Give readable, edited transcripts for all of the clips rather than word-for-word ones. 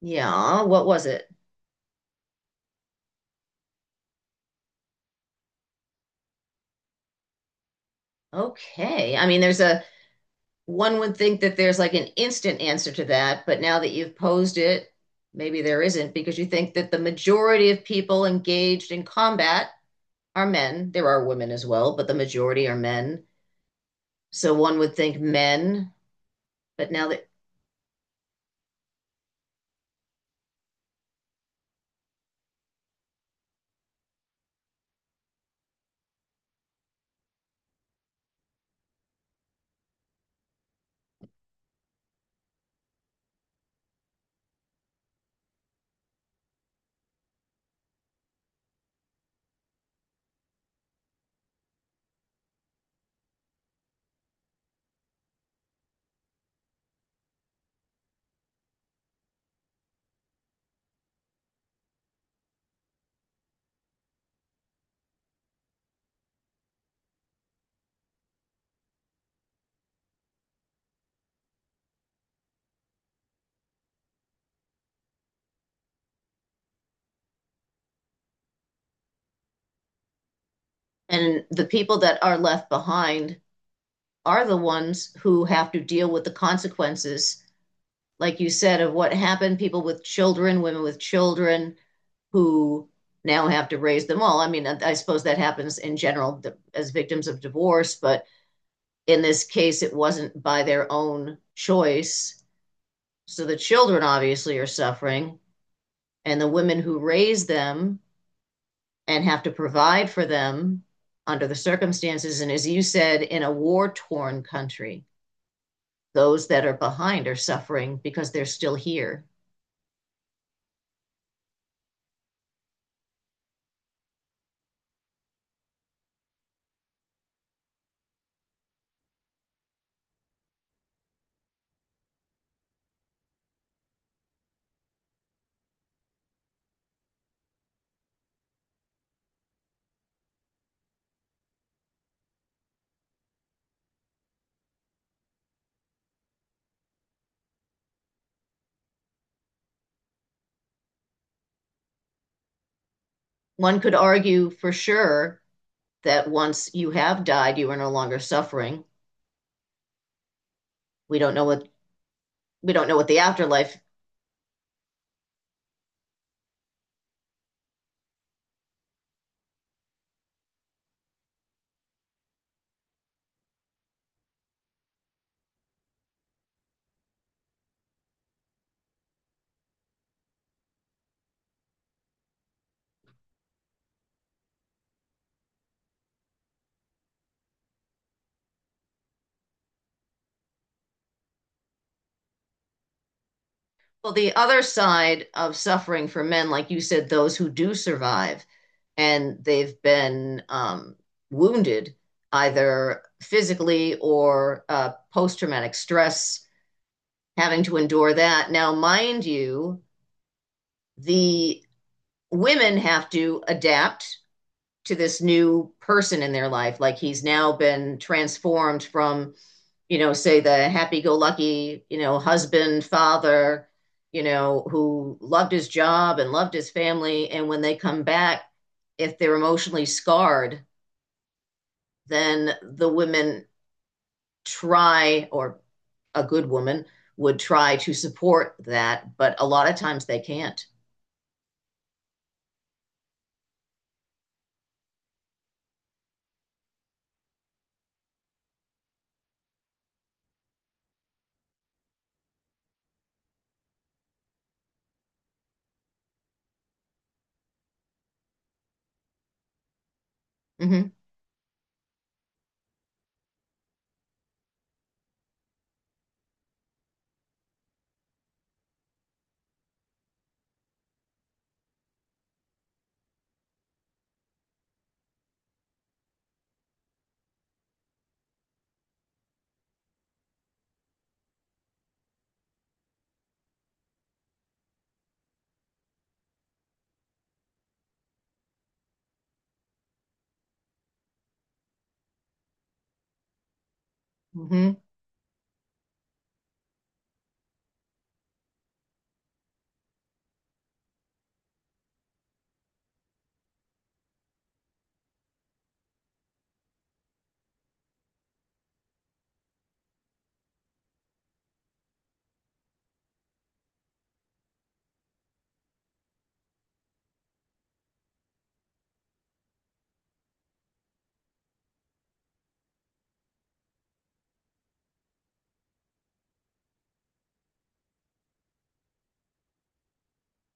Yeah, what was it? Okay. I mean, there's a One would think that there's like an instant answer to that, but now that you've posed it, maybe there isn't because you think that the majority of people engaged in combat are men. There are women as well, but the majority are men. So one would think men, but now that and the people that are left behind are the ones who have to deal with the consequences, like you said, of what happened, people with children, women with children who now have to raise them all. I mean, I suppose that happens in general as victims of divorce, but in this case, it wasn't by their own choice. So the children obviously are suffering, and the women who raise them and have to provide for them under the circumstances. And as you said, in a war torn country, those that are behind are suffering because they're still here. One could argue for sure that once you have died, you are no longer suffering. We don't know what we don't know what the afterlife. Well, the other side of suffering for men, like you said, those who do survive and they've been wounded either physically or post-traumatic stress, having to endure that. Now, mind you, the women have to adapt to this new person in their life. Like, he's now been transformed from, you know, say, the happy go lucky, you know, husband, father, you know, who loved his job and loved his family, and when they come back, if they're emotionally scarred, then the women try, or a good woman would try to support that, but a lot of times they can't. Mhm. Mhm.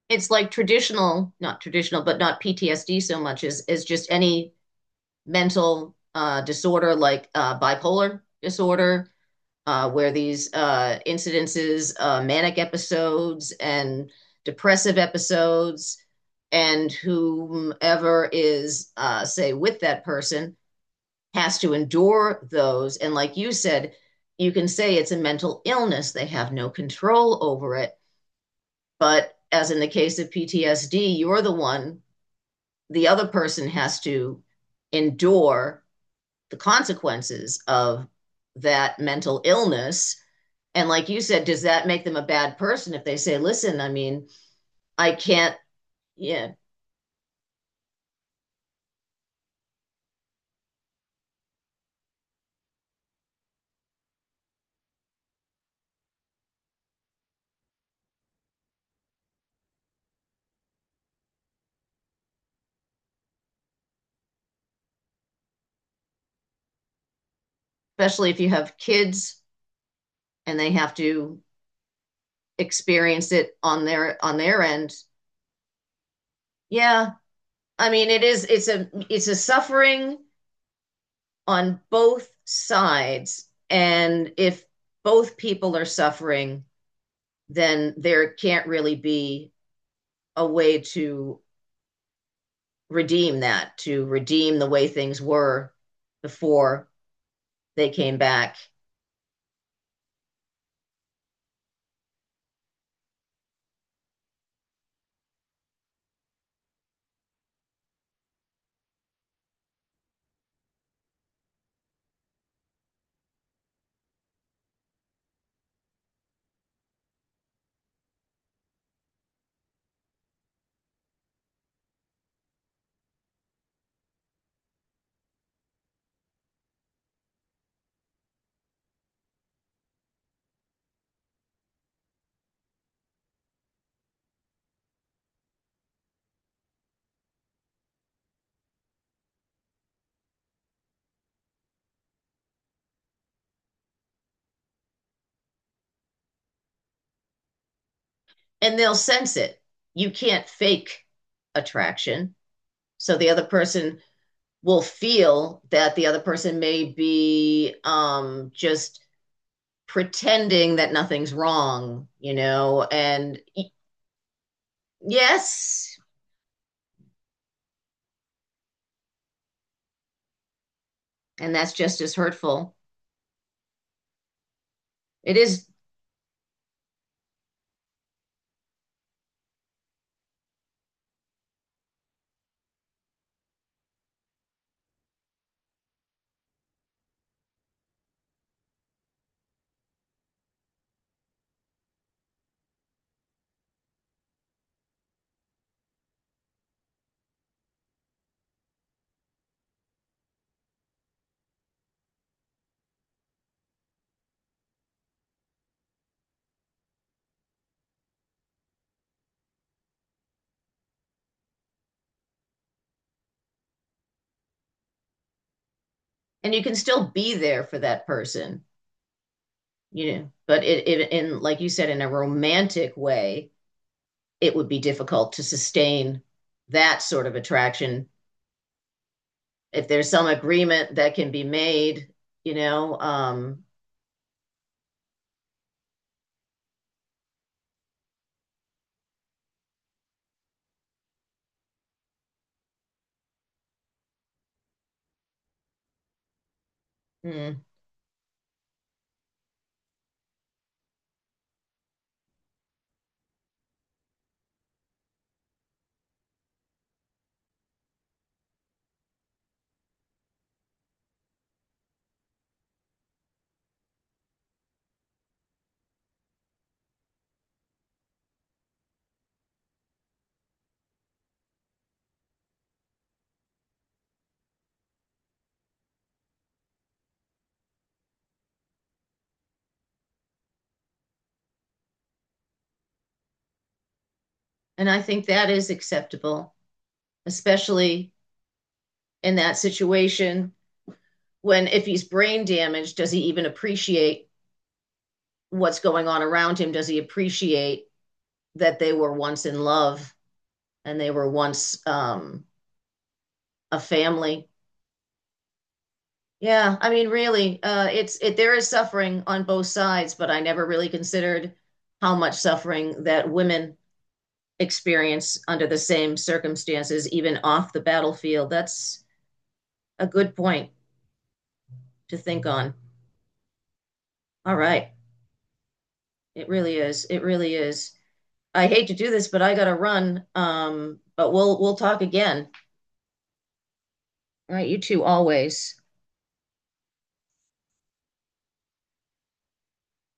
It's like traditional, not traditional, but not PTSD so much as just any mental disorder, like bipolar disorder, where these incidences, manic episodes, and depressive episodes, and whomever is, say, with that person has to endure those. And like you said, you can say it's a mental illness, they have no control over it. But as in the case of PTSD, you're the one, the other person has to endure the consequences of that mental illness. And like you said, does that make them a bad person if they say, listen, I mean, I can't, yeah, especially if you have kids and they have to experience it on their end. Yeah. I mean, it's a suffering on both sides. And if both people are suffering, then there can't really be a way to redeem that, to redeem the way things were before they came back. And they'll sense it. You can't fake attraction. So the other person will feel that the other person may be just pretending that nothing's wrong, you know, and yes, and that's just as hurtful. It is, and you can still be there for that person. You know, but it in like you said, in a romantic way, it would be difficult to sustain that sort of attraction if there's some agreement that can be made, you know, um, mm. And I think that is acceptable, especially in that situation, when if he's brain damaged, does he even appreciate what's going on around him? Does he appreciate that they were once in love and they were once a family? Yeah, I mean, really, it's it. There is suffering on both sides, but I never really considered how much suffering that women experience under the same circumstances, even off the battlefield. That's a good point to think on. All right, it really is. It really is. I hate to do this, but I gotta run. But we'll talk again. All right, you two always.